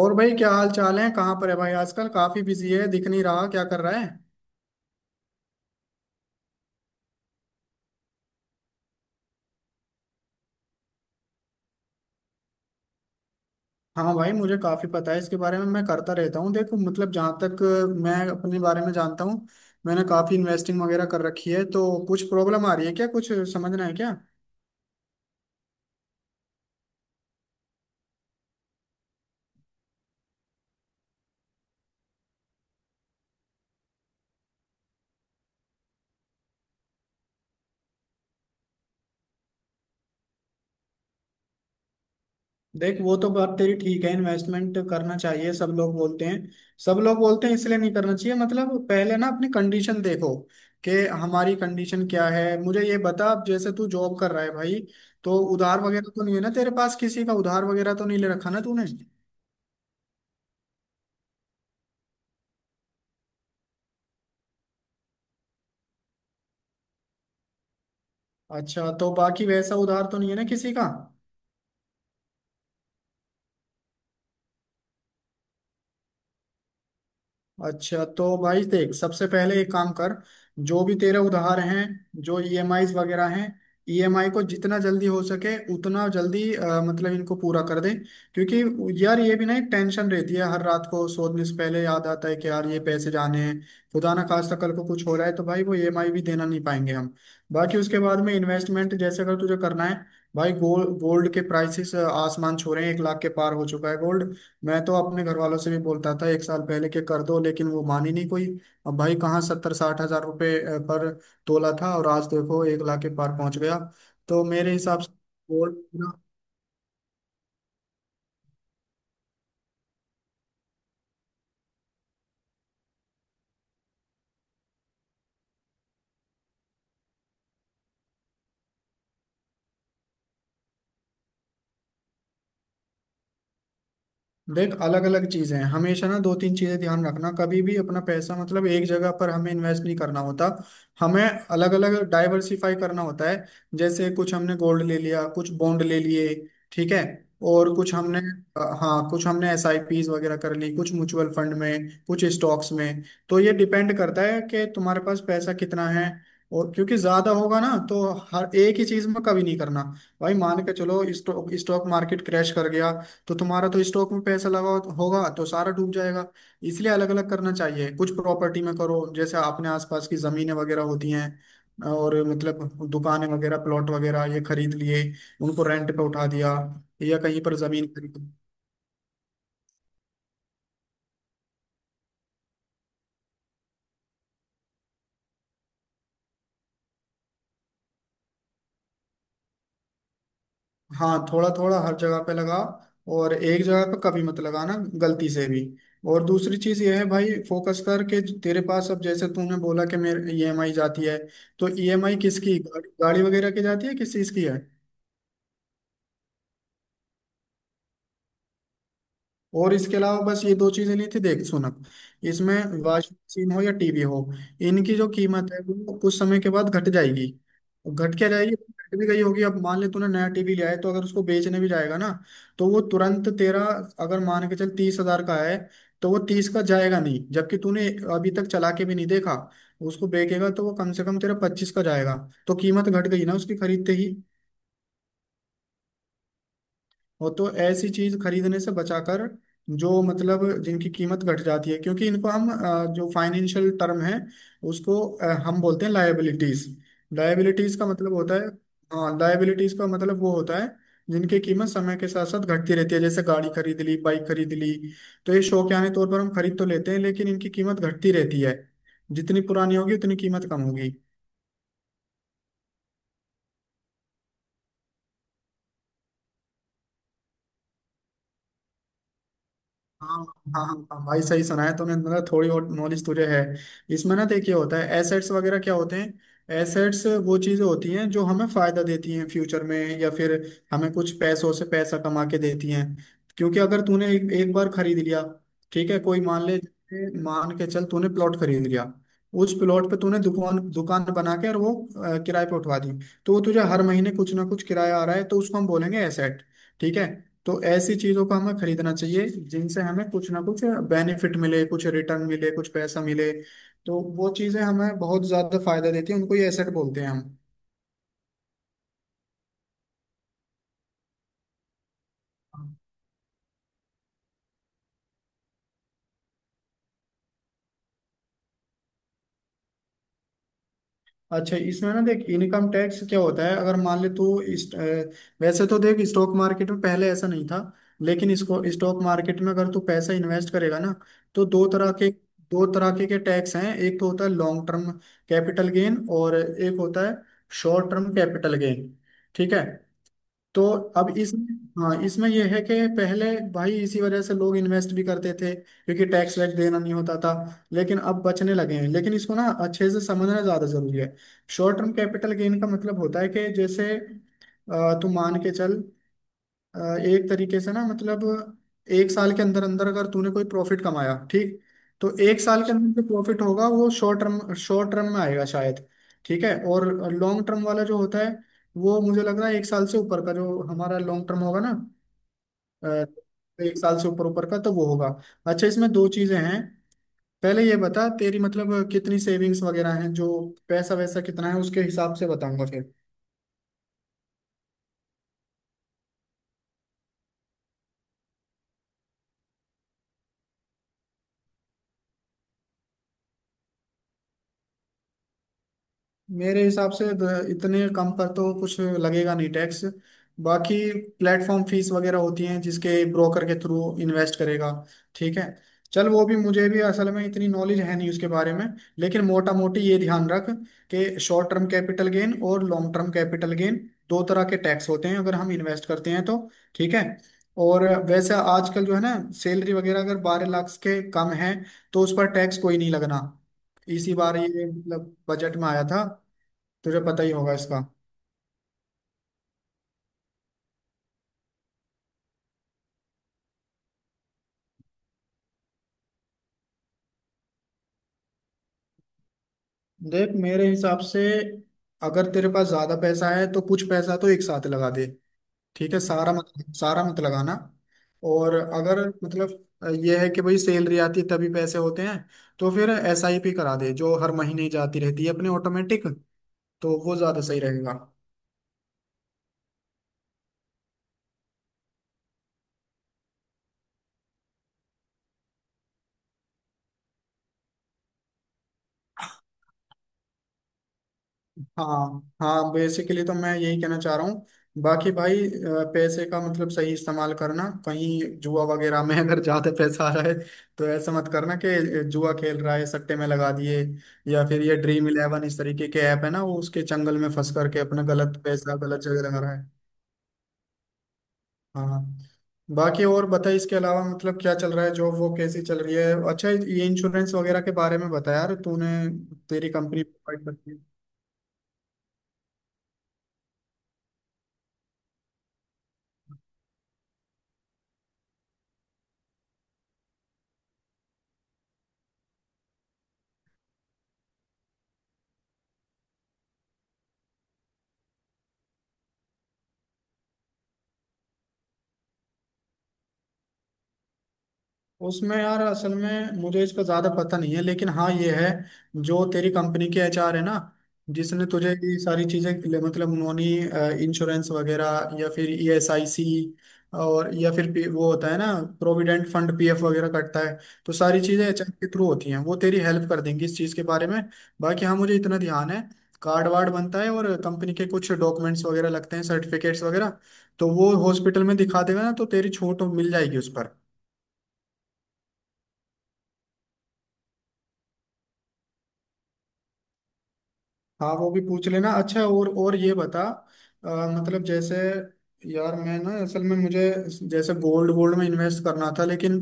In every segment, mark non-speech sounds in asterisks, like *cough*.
और भाई, क्या हाल चाल है? कहाँ पर है भाई आजकल? काफी बिजी है, दिख नहीं रहा। क्या कर रहा है? हाँ भाई, मुझे काफी पता है इसके बारे में। मैं करता रहता हूँ। देखो, मतलब जहाँ तक मैं अपने बारे में जानता हूँ, मैंने काफी इन्वेस्टिंग वगैरह कर रखी है। तो कुछ प्रॉब्लम आ रही है क्या? कुछ समझना है क्या? देख, वो तो बात तेरी ठीक है, इन्वेस्टमेंट करना चाहिए, सब लोग बोलते हैं। सब लोग बोलते हैं इसलिए नहीं करना चाहिए। मतलब पहले ना अपनी कंडीशन देखो कि हमारी कंडीशन क्या है। मुझे ये बता, अब जैसे तू जॉब कर रहा है भाई, तो उधार वगैरह तो नहीं है ना तेरे पास? किसी का उधार वगैरह तो नहीं ले रखा ना तूने? अच्छा, तो बाकी वैसा उधार तो नहीं है ना किसी का? अच्छा, तो भाई देख, सबसे पहले एक काम कर। जो भी तेरे उधार हैं, जो ईएमआईज वगैरह हैं, ईएमआई को जितना जल्दी हो सके उतना जल्दी मतलब इनको पूरा कर दे। क्योंकि यार, ये भी ना एक टेंशन रहती है। हर रात को सोने से पहले याद आता है कि यार ये पैसे जाने हैं। खुदा ना खास्ता कल को कुछ हो रहा है, तो भाई वो ईएमआई भी देना नहीं पाएंगे हम। बाकी उसके बाद में इन्वेस्टमेंट जैसे अगर तुझे करना है, भाई गोल्ड, गोल्ड के प्राइसेस आसमान छू रहे हैं। 1 लाख के पार हो चुका है गोल्ड। मैं तो अपने घर वालों से भी बोलता था एक साल पहले के कर दो, लेकिन वो मानी नहीं कोई। अब भाई कहाँ 70 60 हजार रुपये पर तोला था, और आज देखो 1 लाख के पार पहुंच गया। तो मेरे हिसाब से गोल्ड। देख, अलग अलग चीजें हैं। हमेशा ना दो तीन चीजें ध्यान रखना, कभी भी अपना पैसा मतलब एक जगह पर हमें इन्वेस्ट नहीं करना होता। हमें अलग अलग डाइवर्सिफाई करना होता है। जैसे कुछ हमने गोल्ड ले लिया, कुछ बॉन्ड ले लिए। ठीक है, और कुछ हमने हाँ, कुछ हमने एस आई पीज वगैरह कर ली, कुछ म्यूचुअल फंड में, कुछ स्टॉक्स में। तो ये डिपेंड करता है कि तुम्हारे पास पैसा कितना है, और क्योंकि ज्यादा होगा ना तो हर एक ही चीज में कभी नहीं करना। भाई मान के चलो स्टॉक स्टॉक मार्केट क्रैश कर गया, तो तुम्हारा तो स्टॉक में पैसा लगा होगा तो सारा डूब जाएगा। इसलिए अलग अलग करना चाहिए। कुछ प्रॉपर्टी में करो, जैसे अपने आसपास की जमीनें वगैरह होती हैं और मतलब दुकानें वगैरह, प्लॉट वगैरह ये खरीद लिए, उनको रेंट पे उठा दिया, या कहीं पर जमीन खरीद। हाँ, थोड़ा थोड़ा हर जगह पे लगा, और एक जगह पे कभी मत लगाना, गलती से भी। और दूसरी चीज ये है भाई, फोकस कर के, तेरे पास अब जैसे तूने बोला कि मेरे ईएमआई जाती है, तो ईएमआई किसकी, गाड़ी गाड़ी वगैरह की जाती है? किस चीज की है? और इसके अलावा बस ये दो चीजें ली थी? देख सुनक इसमें, वॉशिंग मशीन हो या टीवी हो, इनकी जो कीमत है वो कुछ समय के बाद घट जाएगी। घट क्या जाएगी, घट भी गई होगी। अब मान ले तूने नया टीवी लिया है, तो अगर उसको बेचने भी जाएगा ना, तो वो तुरंत तेरा, अगर मान के चल 30,000 का है, तो वो 30 का जाएगा नहीं, जबकि तूने अभी तक चला के भी नहीं देखा। उसको बेचेगा तो वो कम से कम तेरा 25 का जाएगा। तो कीमत घट गई ना उसकी खरीदते ही। वो तो ऐसी चीज खरीदने से बचाकर, जो मतलब जिनकी कीमत घट जाती है, क्योंकि इनको हम जो फाइनेंशियल टर्म है, उसको हम बोलते हैं लायबिलिटीज। लायबिलिटीज का मतलब होता है, हाँ लायबिलिटीज का मतलब वो होता है जिनकी कीमत समय के साथ साथ घटती रहती है। जैसे गाड़ी खरीद ली, बाइक खरीद ली, तो ये शौकियाने तौर पर हम खरीद तो लेते हैं, लेकिन इनकी कीमत घटती रहती है। जितनी पुरानी होगी उतनी कीमत कम होगी। हाँ हाँ हाँ हाँ, भाई सही सुना है तूने, मतलब थोड़ी और नॉलेज तुझे है इसमें। ना, देखिए होता है एसेट्स वगैरह क्या होते हैं। एसेट्स वो चीजें होती हैं जो हमें फायदा देती हैं फ्यूचर में, या फिर हमें कुछ पैसों से पैसा कमा के देती हैं। क्योंकि अगर तूने एक बार खरीद लिया, ठीक है, कोई मान ले, मान के चल तूने प्लॉट खरीद लिया, उस प्लॉट पे तूने दुकान, दुकान बना के और वो किराए पे उठवा दी, तो वो तुझे हर महीने कुछ ना कुछ किराया आ रहा है, तो उसको हम बोलेंगे एसेट। ठीक है, तो ऐसी चीजों को हमें खरीदना चाहिए जिनसे हमें कुछ ना कुछ बेनिफिट मिले, कुछ रिटर्न मिले, कुछ पैसा मिले। तो वो चीजें हमें बहुत ज्यादा फायदा देती है, उनको ही एसेट बोलते हैं हम। अच्छा, इसमें ना देख, इनकम टैक्स क्या होता है। अगर मान ले तू इस वैसे तो देख, स्टॉक मार्केट में पहले ऐसा नहीं था, लेकिन इसको स्टॉक मार्केट में अगर तू पैसा इन्वेस्ट करेगा ना, तो दो तरह के, दो तरह के टैक्स हैं। एक तो होता है लॉन्ग टर्म कैपिटल गेन, और एक होता है शॉर्ट टर्म कैपिटल गेन। ठीक है, तो अब इसमें, हाँ इसमें यह है कि पहले भाई इसी वजह से लोग इन्वेस्ट भी करते थे क्योंकि टैक्स वैक्स देना नहीं होता था, लेकिन अब बचने लगे हैं। लेकिन इसको ना अच्छे से समझना ज्यादा जरूरी है। शॉर्ट टर्म कैपिटल गेन का मतलब होता है कि जैसे तू मान के चल, अ, एक तरीके से ना, मतलब एक साल के अंदर अंदर अगर तूने कोई प्रॉफिट कमाया, ठीक, तो एक साल के अंदर जो प्रॉफिट होगा वो शॉर्ट टर्म, शॉर्ट टर्म में आएगा शायद। ठीक है, और लॉन्ग टर्म वाला जो होता है, वो मुझे लग रहा है एक साल से ऊपर का, जो हमारा लॉन्ग टर्म होगा ना, अ, एक साल से ऊपर ऊपर का, तो वो होगा। अच्छा, इसमें दो चीजें हैं। पहले ये बता तेरी मतलब कितनी सेविंग्स वगैरह हैं, जो पैसा वैसा कितना है, उसके हिसाब से बताऊंगा। मेरे हिसाब से इतने कम पर तो कुछ लगेगा नहीं टैक्स। बाकी प्लेटफॉर्म फीस वगैरह होती हैं, जिसके ब्रोकर के थ्रू इन्वेस्ट करेगा, ठीक है। चल वो भी मुझे भी असल में इतनी नॉलेज है नहीं उसके बारे में, लेकिन मोटा मोटी ये ध्यान रख कि शॉर्ट टर्म कैपिटल गेन और लॉन्ग टर्म कैपिटल गेन दो तरह के टैक्स होते हैं अगर हम इन्वेस्ट करते हैं तो। ठीक है, और वैसे आजकल जो है ना, सैलरी वगैरह अगर 12 लाख के कम है, तो उस पर टैक्स कोई नहीं लगना। इसी बार ये मतलब बजट में आया था, तुझे पता ही होगा इसका। देख मेरे हिसाब से, अगर तेरे पास ज्यादा पैसा है तो कुछ पैसा तो एक साथ लगा दे। ठीक है, सारा मत, सारा मत लगाना। और अगर मतलब यह है कि भाई सैलरी आती है तभी पैसे होते हैं, तो फिर एसआईपी करा दे जो हर महीने जाती रहती है अपने ऑटोमेटिक, तो वो ज्यादा सही रहेगा। हाँ हाँ, बेसिकली तो मैं यही कहना चाह रहा हूँ। बाकी भाई पैसे का मतलब सही इस्तेमाल करना, कहीं जुआ वगैरह में *laughs* अगर ज्यादा पैसा आ रहा है, तो ऐसा मत करना कि जुआ खेल रहा है, सट्टे में लगा दिए, या फिर ये Dream11 इस तरीके के ऐप है ना, वो उसके चंगल में फंस करके अपना गलत पैसा गलत जगह लगा रहा है। हाँ, बाकी और बताइए इसके अलावा मतलब क्या चल रहा है? जॉब वो कैसी चल रही है? अच्छा, ये इंश्योरेंस वगैरह के बारे में बता यार तूने। तेरी कंपनी प्रोवाइड करती है। उसमें यार असल में मुझे इसका ज्यादा पता नहीं है, लेकिन हाँ ये है, जो तेरी कंपनी के एचआर है ना, जिसने तुझे ये सारी मतलब उन्होंने इंश्योरेंस वगैरह या फिर ईएसआईसी, और या फिर वो होता है ना, प्रोविडेंट फंड, पीएफ वगैरह कटता है। तो सारी चीजें एचआर के थ्रू होती हैं, वो तेरी हेल्प कर देंगी इस चीज के बारे में। बाकी हाँ, मुझे इतना ध्यान है, कार्ड वार्ड बनता है और कंपनी के कुछ डॉक्यूमेंट्स वगैरह लगते हैं, सर्टिफिकेट्स वगैरह, तो वो हॉस्पिटल में दिखा देगा ना, तो तेरी छूट मिल जाएगी उस पर। हाँ वो भी पूछ लेना अच्छा। और ये बता, अ, मतलब जैसे, यार मैं ना असल में मुझे, जैसे गोल्ड, गोल्ड में इन्वेस्ट करना था, लेकिन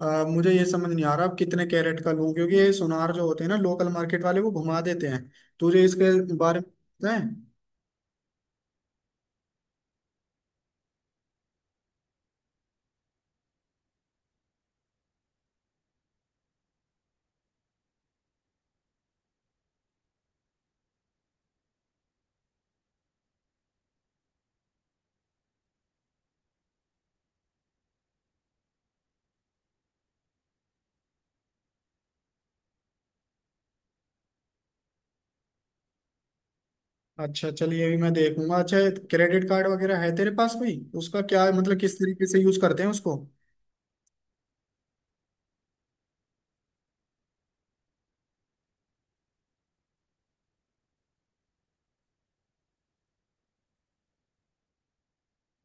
मुझे ये समझ नहीं आ रहा अब कितने कैरेट का लूं, क्योंकि ये सुनार जो होते हैं ना लोकल मार्केट वाले, वो घुमा देते हैं। तुझे इसके बारे में पता है? अच्छा, चल ये भी मैं देखूंगा। अच्छा, क्रेडिट कार्ड वगैरह है तेरे पास कोई? उसका क्या है मतलब, किस तरीके से यूज करते हैं उसको?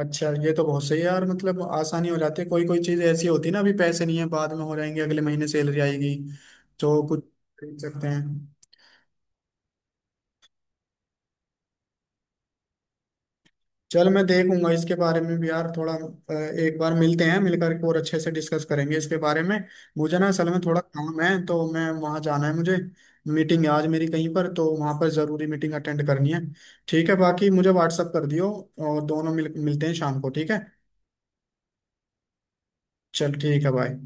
अच्छा, ये तो बहुत सही है यार, मतलब आसानी हो जाती है। कोई कोई चीज ऐसी होती है ना, अभी पैसे नहीं है, बाद में हो जाएंगे, अगले महीने सैलरी आएगी तो कुछ खरीद सकते हैं। चल मैं देखूंगा इसके बारे में भी यार थोड़ा। एक बार मिलते हैं, मिलकर और अच्छे से डिस्कस करेंगे इसके बारे में। मुझे ना असल में थोड़ा काम है, तो मैं वहाँ जाना है मुझे। मीटिंग है आज मेरी कहीं पर, तो वहाँ पर जरूरी मीटिंग अटेंड करनी है। ठीक है, बाकी मुझे व्हाट्सअप कर दियो, और दोनों मिलते हैं शाम को, ठीक है? चल ठीक है, बाय।